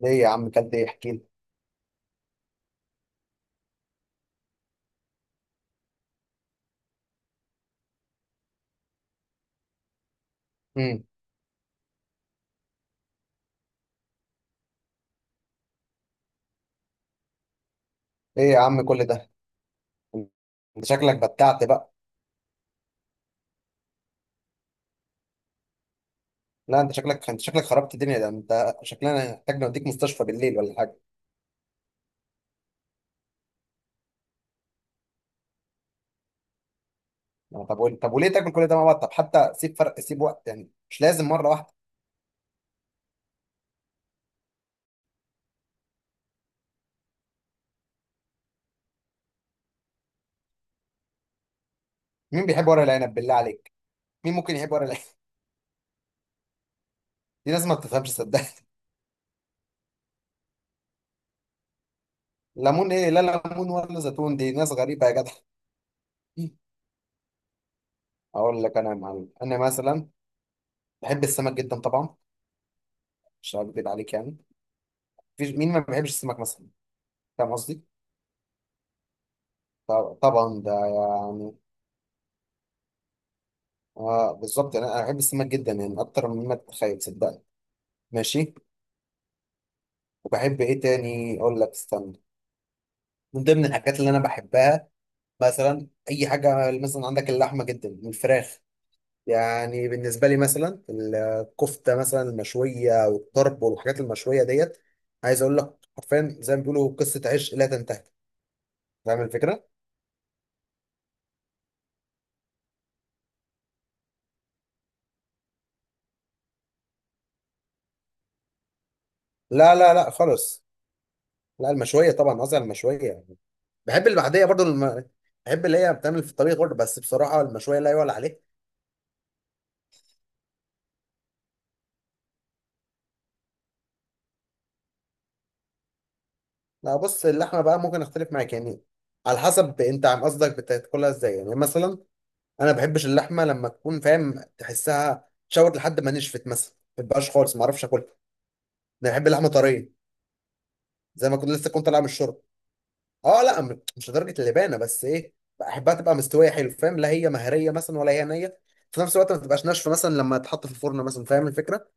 ليه يا عم؟ كلت ايه؟ احكي لي. امم. ايه يا عم؟ كل ده؟ انت شكلك بتعت بقى. لا، انت شكلك خربت الدنيا. ده انت شكلنا محتاج نوديك مستشفى بالليل ولا حاجه؟ طب وليه تاكل كل ده مع بعض؟ طب حتى سيب فرق، سيب وقت يعني، مش لازم مره واحده. مين بيحب ورق العنب بالله عليك؟ مين ممكن يحب ورق العنب؟ دي ناس ما بتفهمش، صدق. ليمون ايه؟ لا. ليمون ولا زيتون؟ دي ناس غريبه يا جدع. اقول لك انا يا معلم، انا مثلا بحب السمك جدا طبعا. مش هكذب عليك يعني. مفيش مين ما بيحبش السمك مثلا. فاهم قصدي؟ طبعا ده يعني. اه، بالظبط، انا بحب السمك جدا يعني اكتر مما تتخيل صدقني. ماشي. وبحب ايه تاني؟ اقول لك، استنى. من ضمن الحاجات اللي انا بحبها، مثلا اي حاجه مثلا عندك، اللحمه جدا والفراخ. يعني بالنسبه لي مثلا، الكفته مثلا المشويه والطرب والحاجات المشويه ديت. عايز اقول لك حرفيا زي ما بيقولوا، قصه عشق لا تنتهي. فاهم الفكره؟ لا، لا، لا خالص. لا، المشويه طبعا، قصدي على المشويه يعني. بحب اللي بعديها برضو بحب اللي هي بتعمل في الطبيخ برضو، بس بصراحه المشويه لا يعلى عليها. لا، بص، اللحمه بقى ممكن اختلف معاك يعني. على حسب انت عم قصدك بتاكلها ازاي يعني مثلا. انا ما بحبش اللحمه لما تكون، فاهم؟ تحسها شوت لحد ما نشفت مثلا، ما بتبقاش خالص، ما اعرفش اكلها. انا بحب اللحمه طريه. زي ما كنت لسه كنت طالعه من الشرب. اه، لا، مش لدرجه اللبانه بس ايه. بحبها تبقى مستويه حلو، فاهم؟ لا هي مهريه مثلا ولا هي نيه. في نفس الوقت ما تبقاش ناشفه مثلا لما تتحط في الفرن مثلا، فاهم الفكره؟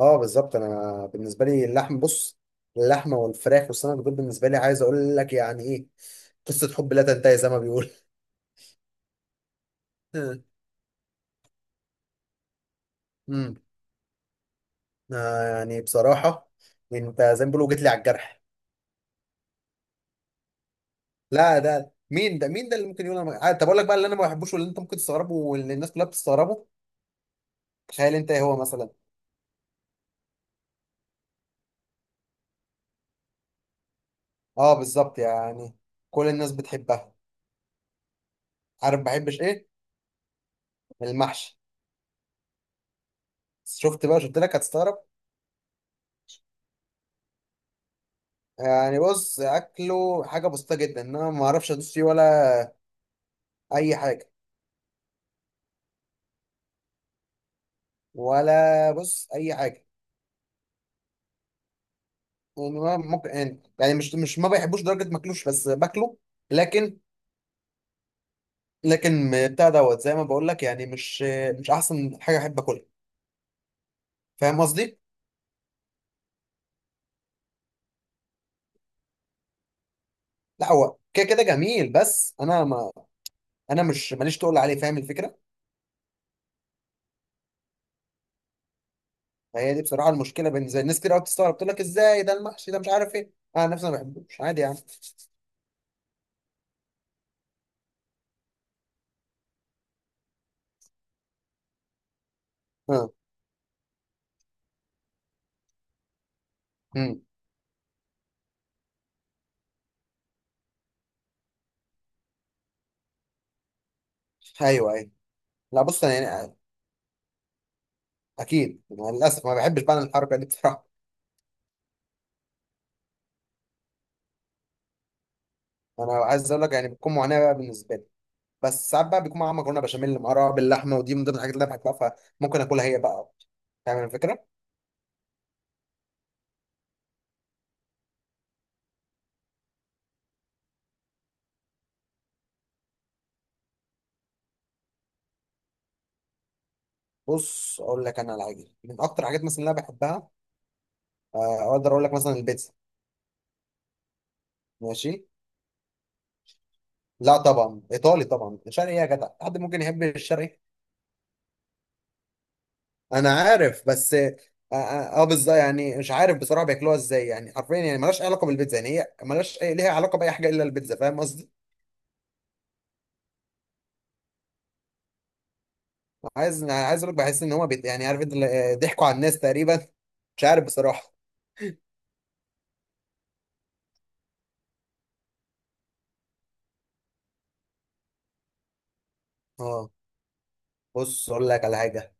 اه، بالظبط، انا بالنسبه لي اللحم، بص، اللحمه والفراخ والسمك دول بالنسبه لي عايز اقول لك يعني ايه؟ قصه حب لا تنتهي زي ما بيقول. امم. آه، يعني بصراحه انت زي ما بيقولوا جيت لي على الجرح. لا، ده مين؟ ده مين ده اللي ممكن يقول؟ انا ما- آه، طب اقول لك بقى اللي انا ما بحبوش، واللي انت ممكن تستغربه، واللي الناس كلها بتستغربه. تخيل انت ايه هو مثلا؟ اه، بالظبط يعني، كل الناس بتحبها. عارف ما بحبش ايه؟ المحشي. شفت بقى؟ شفت لك هتستغرب. يعني بص، اكله حاجه بسيطه جدا إن انا ما اعرفش ادوس فيه ولا اي حاجه. ولا، بص، اي حاجه. وإن أنا ممكن يعني مش ما بيحبوش درجه ماكلوش، بس باكله. لكن، لكن بتاع دوت زي ما بقول لك، يعني مش مش احسن حاجه احب اكلها. فاهم قصدي؟ لا، هو كده كده جميل، بس انا مش ماليش تقول عليه، فاهم الفكره؟ هي دي بصراحه المشكله بالنسبه لي. ناس كتير قوي بتستغرب، تقول لك ازاي ده المحشي ده مش عارف ايه؟ انا نفسي ما بحبوش عادي يعني. اه. امم. ايوه، ايوه. لا، بص يعني، اكيد أنا للاسف ما بحبش بعمل الحركه دي بصراحه. انا عايز اقول لك يعني، بتكون معاناه بقى بالنسبه لي. بس ساعات بقى بيكون معاها مكرونه بشاميل، معاها باللحمه، ودي من ضمن الحاجات اللي انا بحبها. فممكن اكلها هي بقى. فاهم الفكره؟ بص، اقول لك انا على حاجه من اكتر الحاجات مثلا اللي انا بحبها. آه، اقدر اقول لك مثلا البيتزا. ماشي. لا، طبعا ايطالي طبعا. الشرقي إيه يا جدع؟ حد ممكن يحب الشرقي؟ انا عارف بس آه. آه، بالظبط يعني، مش عارف بصراحه بياكلوها ازاي يعني حرفيا، يعني ملهاش أي علاقه بالبيتزا، يعني هي ملهاش أي ليها علاقه باي حاجه الا البيتزا، فاهم؟ عايز اقول لك، بحس ان هما يعني، عارف انت ضحكوا على الناس تقريبا. مش عارف بصراحه. اه. بص، اقول لك على حاجه.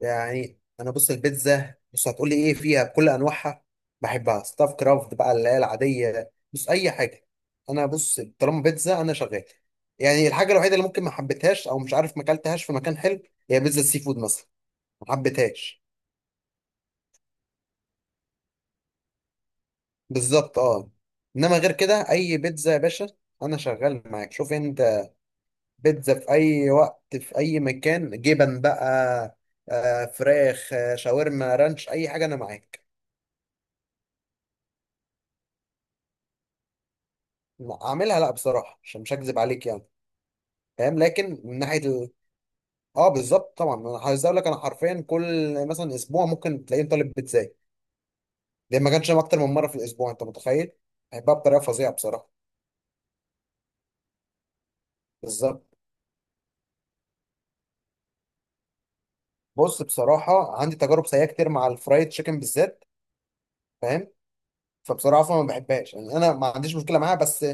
يعني انا بص، البيتزا بص هتقول لي ايه فيها، بكل انواعها بحبها ستاف كرافت بقى اللي هي العاديه، بص اي حاجه. انا بص، طالما بيتزا انا شغال. يعني الحاجه الوحيده اللي ممكن ما حبيتهاش او مش عارف ما اكلتهاش في مكان حلو، هي بيتزا السي فود مثلا. ما حبيتهاش. بالظبط، اه. انما غير كده اي بيتزا يا باشا. انا شغال معاك، شوف انت. بيتزا في اي وقت في اي مكان، جبن بقى، فراخ، شاورما رانش، اي حاجه انا معاك. اعملها؟ لا بصراحه، عشان مش هكذب عليك يعني. فاهم، لكن من ناحيه اه، بالظبط طبعا. انا عايز اقول لك، انا حرفيا كل مثلا اسبوع ممكن تلاقيني طالب بيتزاي. ده ما كانش اكتر من مره في الاسبوع، انت متخيل؟ بحبها بطريقه فظيعه بصراحه. بالظبط. بص، بصراحه عندي تجارب سيئه كتير مع الفرايد تشيكن بالذات، فاهم؟ فبصراحه أصلاً ما بحبهاش، يعني انا ما عنديش مشكله معاها بس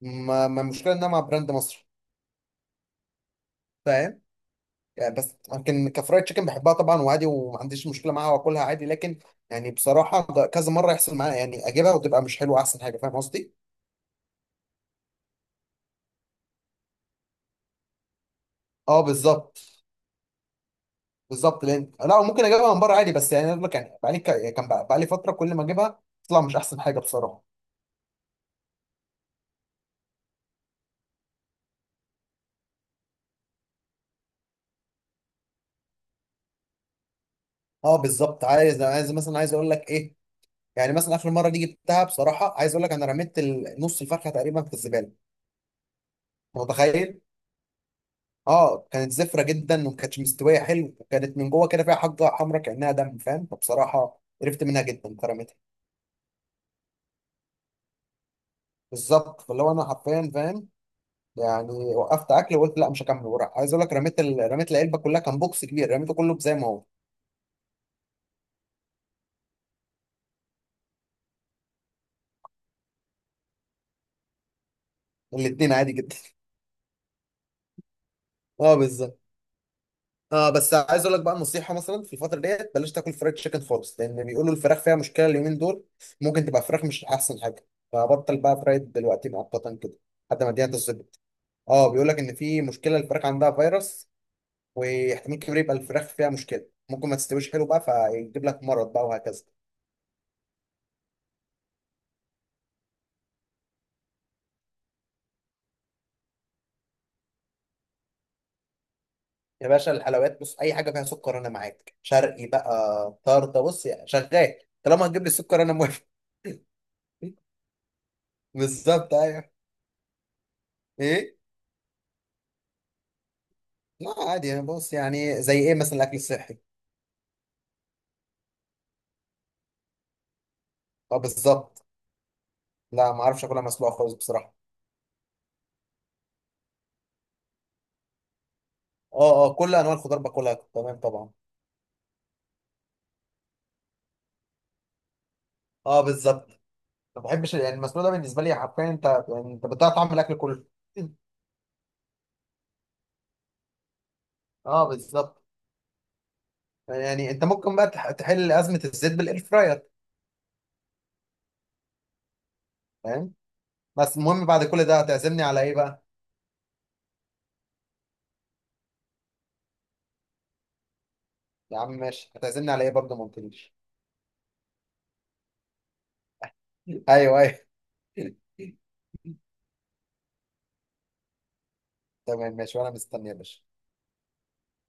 ما المشكله انها مع براند مصري، فاهم؟ يعني بس لكن كفرايد تشيكن بحبها طبعا وعادي، وما عنديش مشكله معاها، واكلها عادي، لكن يعني بصراحه ده كذا مره يحصل معايا، يعني اجيبها وتبقى مش حلوه احسن حاجه، فاهم قصدي؟ اه، بالظبط. بالظبط، لان لا، ممكن اجيبها من بره عادي، بس يعني اقول لك يعني بقالي يعني بقالي فتره كل ما اجيبها تطلع مش احسن حاجه بصراحه. اه، بالظبط. عايز مثلا، عايز اقول لك ايه، يعني مثلا اخر مره دي جبتها، بصراحه عايز اقول لك انا رميت نص الفرخه تقريبا في الزباله. متخيل؟ اه، كانت زفرة جدا وما كانتش مستوية حلو، وكانت من جوه كده فيها حاجة حمرا كأنها دم، فاهم؟ فبصراحة قرفت منها جدا فرمتها. بالظبط، فاللي هو انا حرفيا، فاهم؟ يعني وقفت اكل وقلت لا مش هكمل. وراح، عايز اقول لك رميت العلبة كلها، كان بوكس كبير، رميته كله زي ما هو. الاتنين عادي جدا. اه، بالظبط. اه، بس عايز اقول لك بقى نصيحة، مثلا في الفترة ديت بلاش تاكل فرايد تشيكن خالص، لان بيقولوا الفراخ فيها مشكلة اليومين دول. ممكن تبقى فراخ مش احسن حاجة، فبطل بقى فرايد دلوقتي مؤقتا كده، لحد ما الدنيا تظبط. اه، بيقول لك ان في مشكله، الفراخ عندها فيروس، واحتمال كبير يبقى الفراخ فيها مشكله، ممكن ما تستويش حلو بقى فيجيب لك مرض بقى، وهكذا. يا باشا، الحلويات بص، اي حاجه فيها سكر انا معاك، شرقي بقى طرده، بص يعني شغال. طالما هتجيب لي السكر انا موافق. بالظبط، ايوه. ايه؟ لا، عادي، انا بص، يعني زي ايه مثلا الاكل الصحي؟ اه، بالظبط. لا، ما اعرفش اكلها مسلوقه خالص بصراحه. اه، اه، كل انواع الخضار باكلها تمام طبعا. اه، بالظبط. ما بحبش يعني المسلوق ده، بالنسبه لي حرفيا، انت بتضيع طعم الاكل كله. اه، بالظبط، يعني انت ممكن بقى تحل ازمه الزيت بالاير فراير، فاهم؟ بس المهم بعد كل ده، هتعزمني على ايه بقى؟ يا عم ماشي، هتعزمني على ايه برضه؟ ما قلتليش. ايوه، ايوه. تمام، ماشي وانا مستني يا باشا.